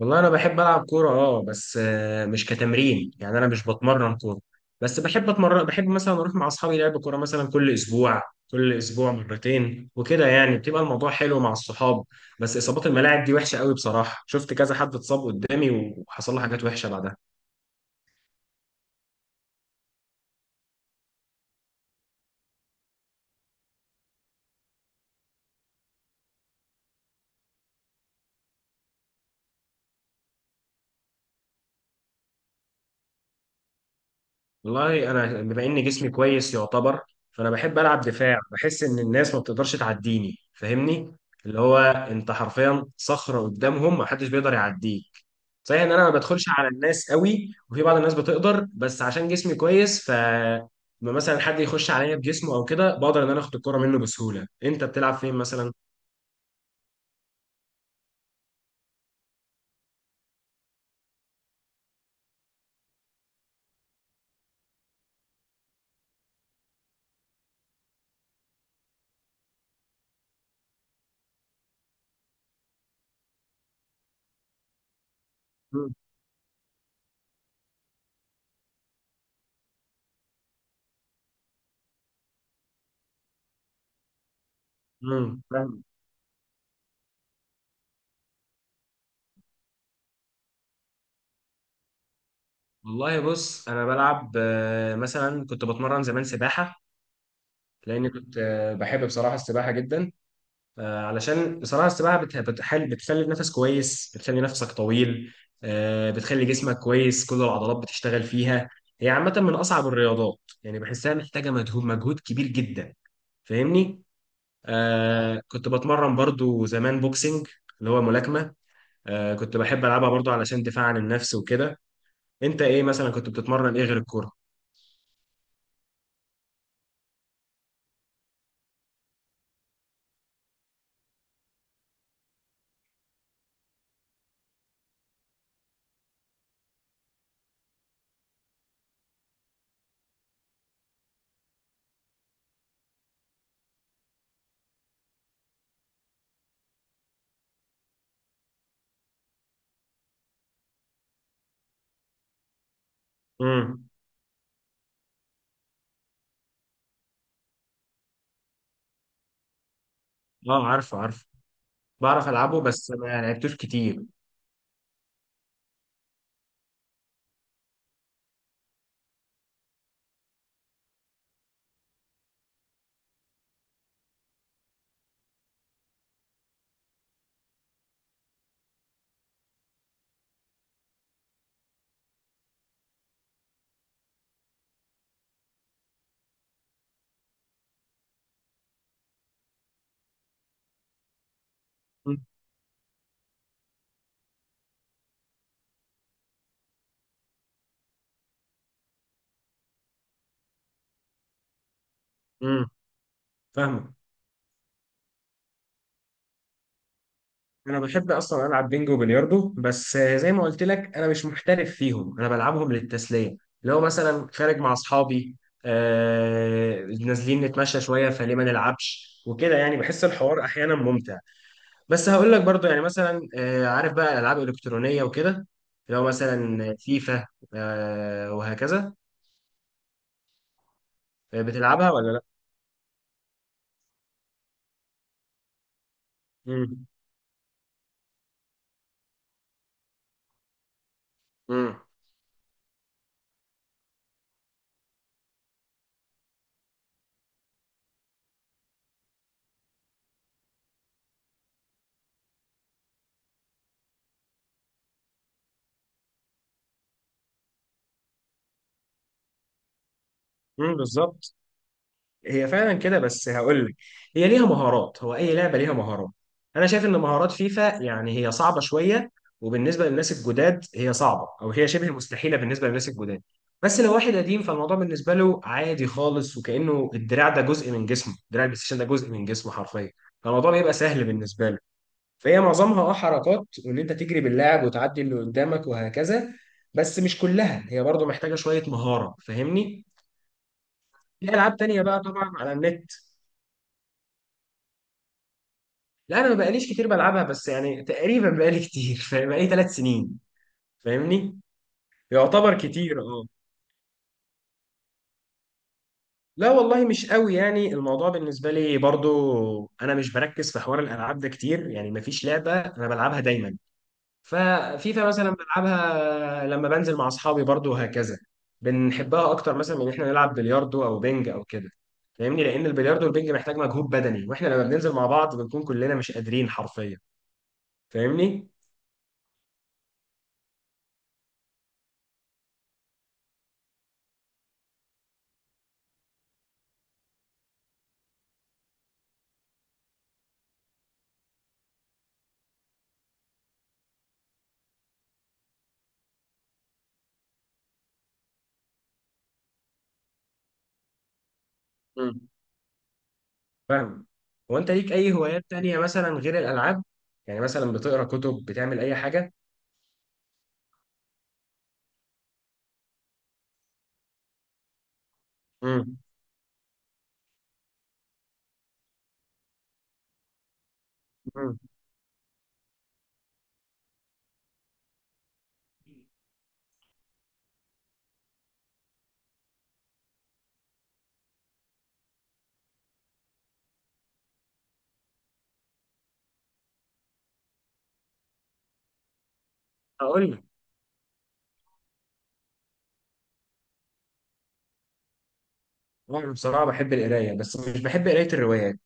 والله انا بحب العب كوره اه بس مش كتمرين، يعني انا مش بتمرن كوره، بس بحب اتمرن. بحب مثلا اروح مع اصحابي لعب كوره مثلا كل اسبوع مرتين وكده، يعني بتبقى الموضوع حلو مع الصحاب. بس اصابات الملاعب دي وحشه قوي بصراحه، شفت كذا حد اتصاب قدامي وحصل له حاجات وحشه بعدها. والله انا بما ان جسمي كويس يعتبر، فانا بحب العب دفاع، بحس ان الناس ما بتقدرش تعديني، فاهمني؟ اللي هو انت حرفيا صخره قدامهم، ما حدش بيقدر يعديك. صحيح ان انا ما بدخلش على الناس قوي، وفي بعض الناس بتقدر، بس عشان جسمي كويس، ف لما مثلا حد يخش عليا بجسمه او كده، بقدر ان انا اخد الكرة منه بسهوله. انت بتلعب فين مثلا؟ مم. مم. فاهم. والله بص، انا بلعب مثلا كنت بتمرن زمان سباحه، لاني كنت بحب بصراحه السباحه جدا. علشان بصراحة السباحة بتحل، بتخلي النفس كويس، بتخلي نفسك طويل. بتخلي جسمك كويس، كل العضلات بتشتغل فيها. هي عامة من أصعب الرياضات، يعني بحسها محتاجة مجهود كبير جدا. فاهمني؟ آه، كنت بتمرن برضو زمان بوكسنج، اللي هو ملاكمة. آه كنت بحب ألعبها برضو علشان دفاع عن النفس وكده. أنت إيه مثلا كنت بتتمرن إيه غير الكورة؟ امم أه، عارفه عارفه، بعرف ألعبه بس ما لعبتوش كتير. امم فاهمك. انا بحب اصلا العب بينجو وبلياردو، بس زي ما قلت لك انا مش محترف فيهم، انا بلعبهم للتسليه. لو مثلا خارج مع اصحابي نازلين نتمشى شويه، فليه ما نلعبش وكده، يعني بحس الحوار احيانا ممتع. بس هقول لك برضو، يعني مثلا آه، عارف بقى الالعاب الالكترونيه وكده، لو مثلا فيفا وهكذا. آه، بتلعبها ولا لا؟ امم امم بالظبط، هي فعلا كده. بس هقول لك، هي ليها مهارات، هو اي لعبه ليها مهارات. انا شايف ان مهارات فيفا يعني هي صعبه شويه، وبالنسبه للناس الجداد هي صعبه، او هي شبه مستحيله بالنسبه للناس الجداد. بس لو واحد قديم، فالموضوع بالنسبه له عادي خالص، وكانه الدراع ده جزء من جسمه، دراع البلاي ستيشن ده جزء من جسمه حرفيا، فالموضوع بيبقى سهل بالنسبه له. فهي معظمها اه حركات، وان انت تجري باللاعب وتعدي اللي قدامك وهكذا، بس مش كلها، هي برضه محتاجه شويه مهاره. فاهمني؟ في العاب تانية بقى طبعا على النت. لا، انا ما بقاليش كتير بلعبها، بس يعني تقريبا بقالي كتير، فاهم؟ بقالي 3 سنين، فاهمني. يعتبر كتير اه. لا والله مش قوي، يعني الموضوع بالنسبه لي برضو، انا مش بركز في حوار الالعاب ده كتير، يعني ما فيش لعبه انا بلعبها دايما. ففيفا مثلا بلعبها لما بنزل مع اصحابي برضو وهكذا. بنحبها اكتر مثلا من ان احنا نلعب بلياردو او بينج او كده، فاهمني، لان البلياردو والبينج محتاج مجهود بدني، واحنا لما بننزل مع بعض بنكون كلنا مش قادرين حرفيا، فاهمني. فاهم. هو انت ليك اي هوايات تانية مثلا غير الالعاب؟ يعني مثلا بتقرا كتب، بتعمل اي حاجه؟ امم امم هقول لك، انا بصراحه بحب القرايه، بس مش بحب قرايه الروايات.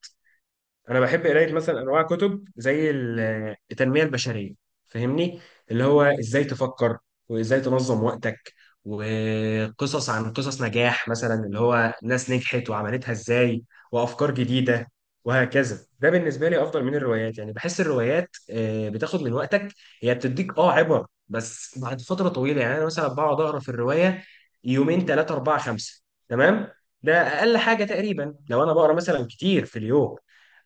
انا بحب قرايه مثلا انواع كتب زي التنميه البشريه، فاهمني، اللي هو ازاي تفكر، وازاي تنظم وقتك، وقصص عن قصص نجاح مثلا، اللي هو ناس نجحت وعملتها ازاي، وافكار جديده وهكذا. ده بالنسبه لي افضل من الروايات، يعني بحس الروايات بتاخد من وقتك، هي بتديك اه عبر، بس بعد فتره طويله. يعني انا مثلا بقعد اقرا في الروايه يومين ثلاثه اربعه خمسه، تمام؟ ده اقل حاجه تقريبا، لو انا بقرا مثلا كتير في اليوم،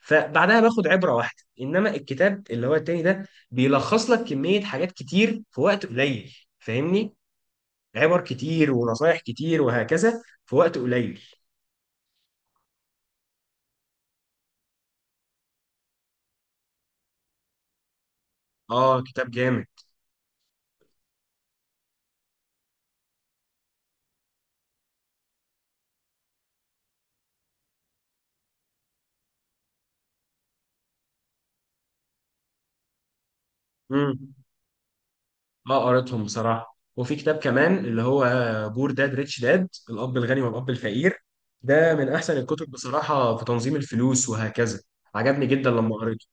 فبعدها باخد عبره واحده. انما الكتاب اللي هو التاني ده بيلخص لك كميه حاجات كتير في وقت قليل، فاهمني، عبر كتير ونصايح كتير وهكذا في وقت قليل. اه، كتاب جامد. امم، اه قريتهم بصراحه، وفي كتاب كمان اللي هو بور داد ريتش داد، الاب الغني والاب الفقير. ده من احسن الكتب بصراحه في تنظيم الفلوس وهكذا، عجبني جدا لما قريته.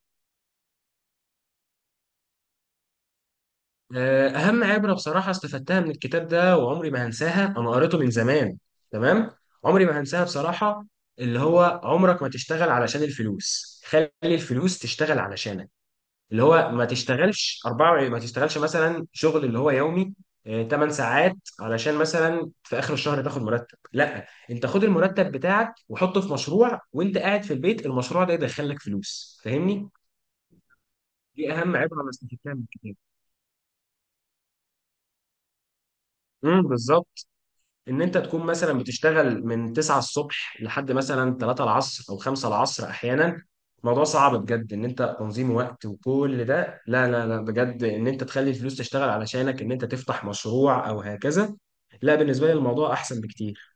آه، أهم عبرة بصراحة استفدتها من الكتاب ده وعمري ما هنساها، أنا قريته من زمان، تمام؟ عمري ما هنساها بصراحة. اللي هو عمرك ما تشتغل علشان الفلوس، خلي الفلوس تشتغل علشانك. اللي هو ما تشتغلش أربعة، ما تشتغلش مثلا شغل اللي هو يومي 8 ساعات، علشان مثلا في آخر الشهر تاخد مرتب. لا، أنت خد المرتب بتاعك وحطه في مشروع، وأنت قاعد في البيت المشروع ده يدخلك فلوس، فاهمني. دي أهم عبرة أنا استفدتها من الكتاب. امم، بالظبط، ان انت تكون مثلا بتشتغل من 9 الصبح لحد مثلا 3 العصر او 5 العصر احيانا، الموضوع صعب بجد. ان انت تنظيم وقت وكل ده، لا لا لا، بجد ان انت تخلي الفلوس تشتغل علشانك، ان انت تفتح مشروع او هكذا، لا، بالنسبه لي الموضوع احسن بكتير.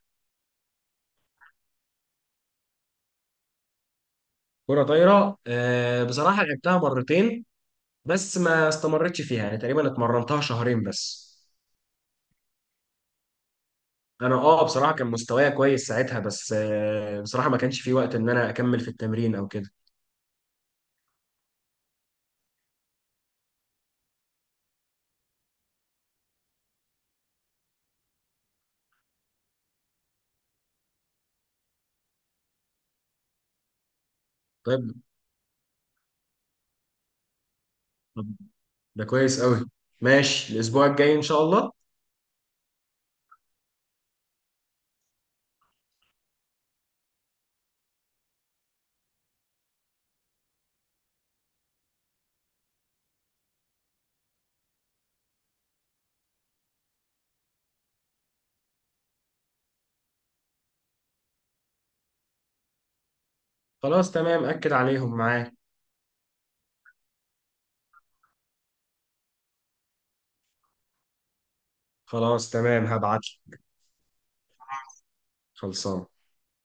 كرة طايرة؟ آه، بصراحة لعبتها مرتين، بس ما استمرتش فيها، يعني تقريبا اتمرنتها شهرين بس. انا اه بصراحة كان مستوايا كويس ساعتها، بس آه، بصراحة ما كانش في وقت ان انا اكمل في التمرين او كده. طيب، ده كويس قوي، ماشي الاسبوع الجاي ان شاء الله. خلاص تمام، اكد عليهم معاك. خلاص تمام، هبعت لك. خلصان.